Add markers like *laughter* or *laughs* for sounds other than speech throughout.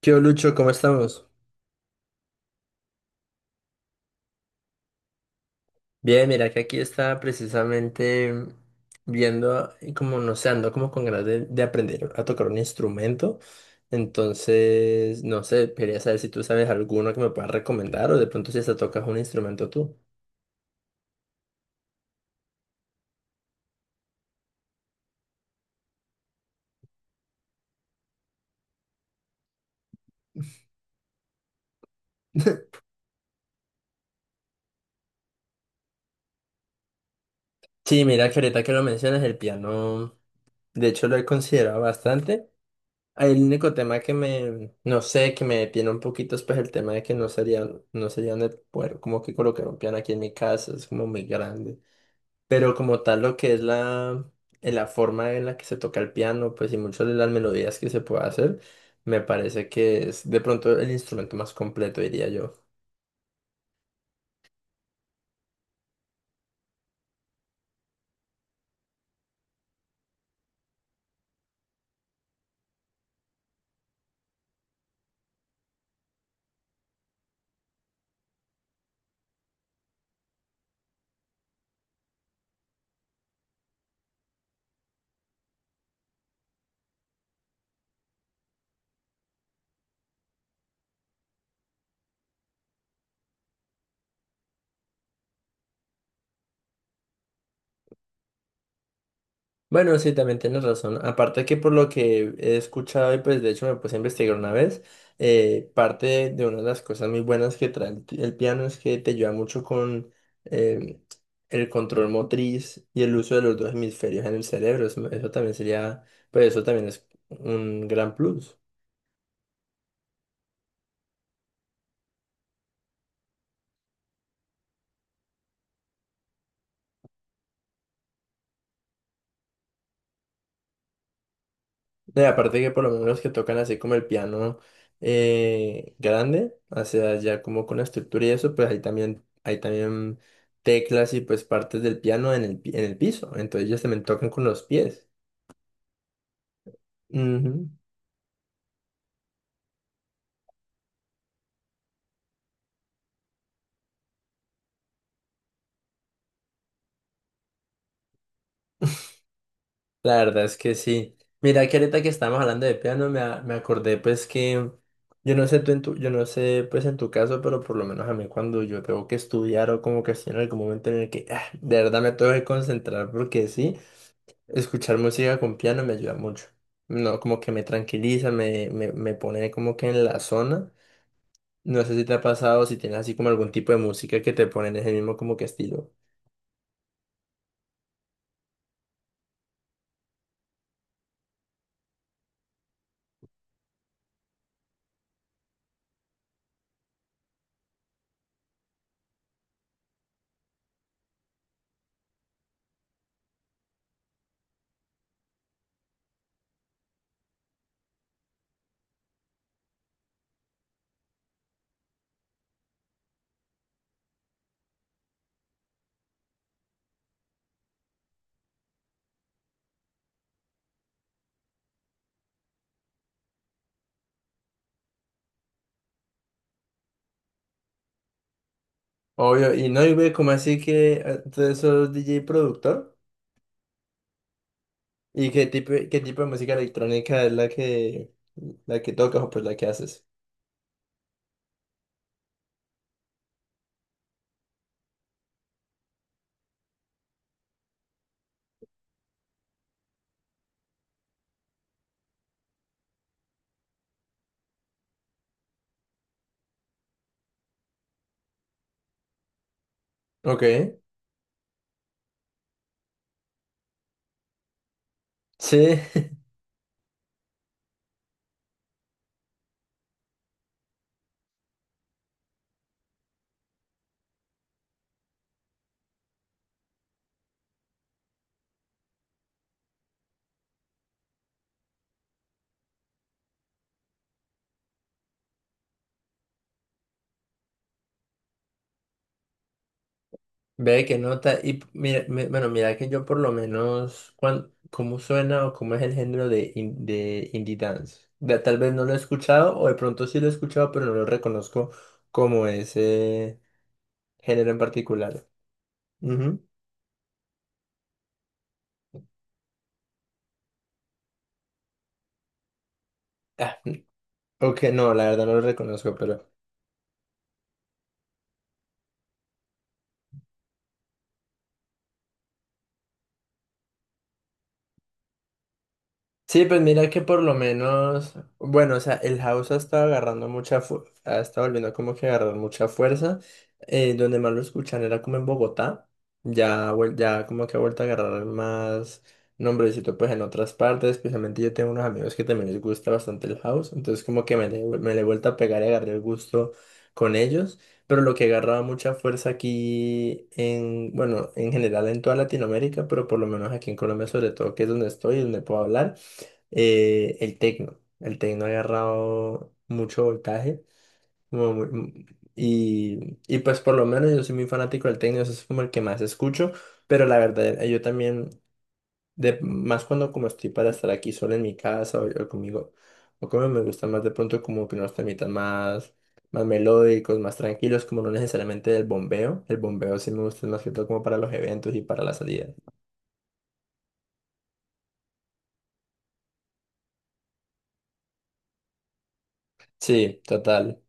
¿Qué hubo, Lucho? ¿Cómo estamos? Bien, mira que aquí estaba precisamente viendo y como no sé, ando como con ganas de aprender a tocar un instrumento. Entonces, no sé, quería saber si tú sabes alguno que me puedas recomendar o de pronto si hasta tocas un instrumento tú. Sí, mira que ahorita que lo mencionas, el piano, de hecho lo he considerado bastante. El único tema que me, no sé, que me detiene un poquito es pues el tema de que no sería de poder como que colocar un piano aquí en mi casa, es como muy grande. Pero como tal, lo que es la, la forma en la que se toca el piano, pues y muchas de las melodías que se puede hacer, me parece que es de pronto el instrumento más completo, diría yo. Bueno, sí, también tienes razón. Aparte que por lo que he escuchado y pues de hecho me puse a investigar una vez, parte de una de las cosas muy buenas que trae el piano es que te ayuda mucho con em, el control motriz y el uso de los dos hemisferios en el cerebro. Eso también sería, pues eso también es un gran plus. No, y aparte que por lo menos los que tocan así como el piano grande, o sea, ya como con la estructura y eso, pues ahí también, hay también teclas y pues partes del piano en el, en el piso, entonces ellos también tocan con los pies. Ujú. La verdad es que sí. Mira que ahorita que estamos hablando de piano, me acordé pues que, yo no sé pues en tu caso, pero por lo menos a mí cuando yo tengo que estudiar o como que estoy en algún momento en el que de verdad me tengo que concentrar porque sí. Escuchar música con piano me ayuda mucho. No, como que me tranquiliza, me pone como que en la zona. No sé si te ha pasado, si tienes así como algún tipo de música que te pone en ese mismo como que estilo. Obvio, y no, y ve como así que tú sos DJ productor. ¿Y qué tipo de música electrónica es la que tocas o pues la que haces? Ok, sí. *laughs* Ve que nota. Mira, bueno, mira que yo por lo menos, ¿cómo suena o cómo es el género de, de indie dance? Tal vez no lo he escuchado o de pronto sí lo he escuchado, pero no lo reconozco como ese género en particular. Ujú. Ah, ok, no, la verdad no lo reconozco. Sí, pues mira que por lo menos, bueno, o sea, el house ha estado agarrando mucha, ha estado volviendo como que a agarrar mucha fuerza. Donde más lo escuchan era como en Bogotá. Ya, ya como que ha vuelto a agarrar más nombrecito pues en otras partes. Especialmente yo tengo unos amigos que también les gusta bastante el house. Entonces como que me le he vuelto a pegar y agarré el gusto con ellos. Pero lo que agarraba mucha fuerza aquí en, bueno, en general en toda Latinoamérica, pero por lo menos aquí en Colombia sobre todo, que es donde estoy, y donde puedo hablar el tecno. El tecno ha agarrado mucho voltaje. como mu- y pues por lo menos yo soy muy fanático del tecno, eso es como el que más escucho. Pero la verdad, yo también, de, más cuando como estoy para estar aquí solo en mi casa o conmigo, o como me gusta más de pronto como que unos temitas más, más melódicos, más tranquilos, como no necesariamente del bombeo. El bombeo sí me gusta más que todo como para los eventos y para las salidas. Sí, total.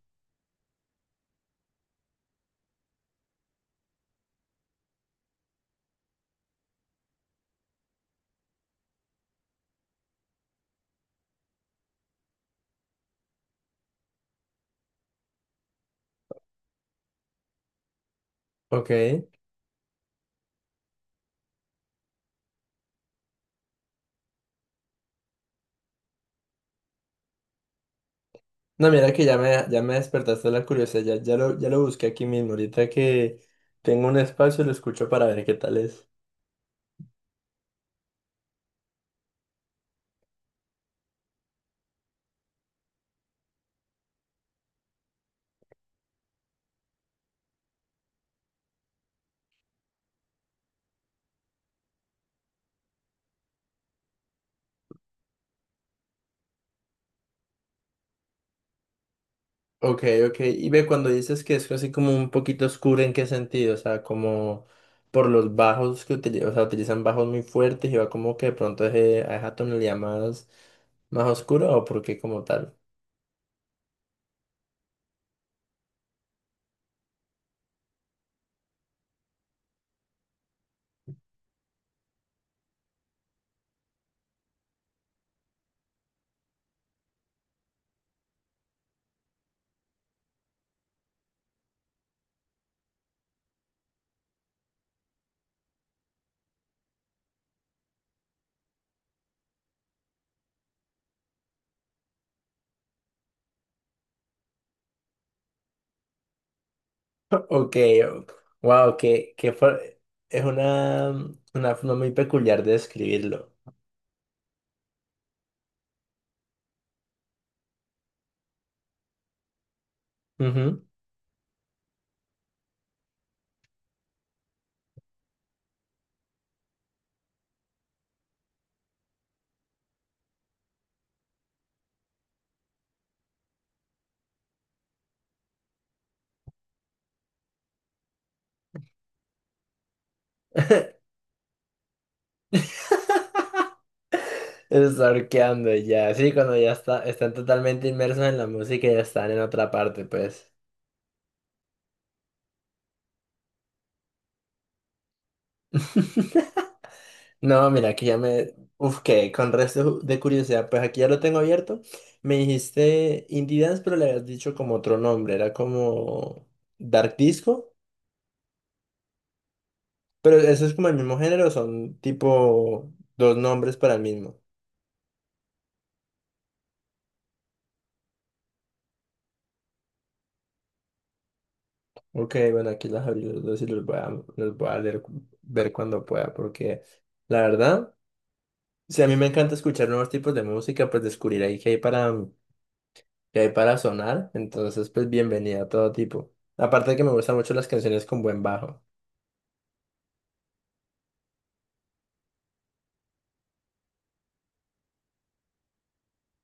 Ok. No, mira que ya me despertaste la curiosidad, ya lo busqué aquí mismo, ahorita que tengo un espacio lo escucho para ver qué tal es. Ok, ok, y ve cuando dices que es así como un poquito oscuro, ¿en qué sentido? O sea, como por los bajos que utilizan, o sea, utilizan bajos muy fuertes y va como que de pronto es, a esa tonalidad más, más oscura o por qué como tal. *laughs* Ok, wow, es una forma muy peculiar de describirlo. Ujú. *laughs* Es arqueando y ya. Sí, cuando ya está, están totalmente inmersos en la música y ya están en otra parte, pues. *laughs* No, mira, aquí ya me... Uf, que con resto de curiosidad, pues aquí ya lo tengo abierto. Me dijiste Indie Dance, pero le habías dicho como otro nombre, era como Dark Disco, pero eso es como el mismo género, son tipo dos nombres para el mismo. Ok, bueno, aquí las abrí los dos y los voy a leer, ver cuando pueda, porque la verdad... Sí, a mí me encanta escuchar nuevos tipos de música, pues descubrir ahí que hay para sonar. Entonces, pues bienvenida a todo tipo. Aparte de que me gustan mucho las canciones con buen bajo.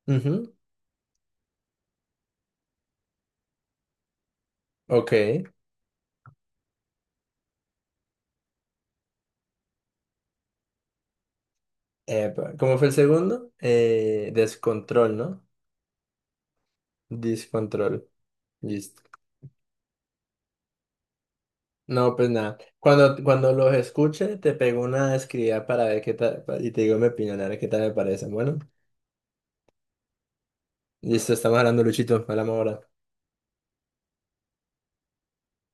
Ujú. Ok. Epa, ¿cómo fue el segundo? ¿Descontrol, no? Descontrol. Listo. No, pues nada. Cuando, cuando los escuche, te pego una escribida para ver qué tal, y te digo mi opinión, a ver qué tal me parece. Bueno, listo, estamos hablando, Luchito. Hablamos ahora.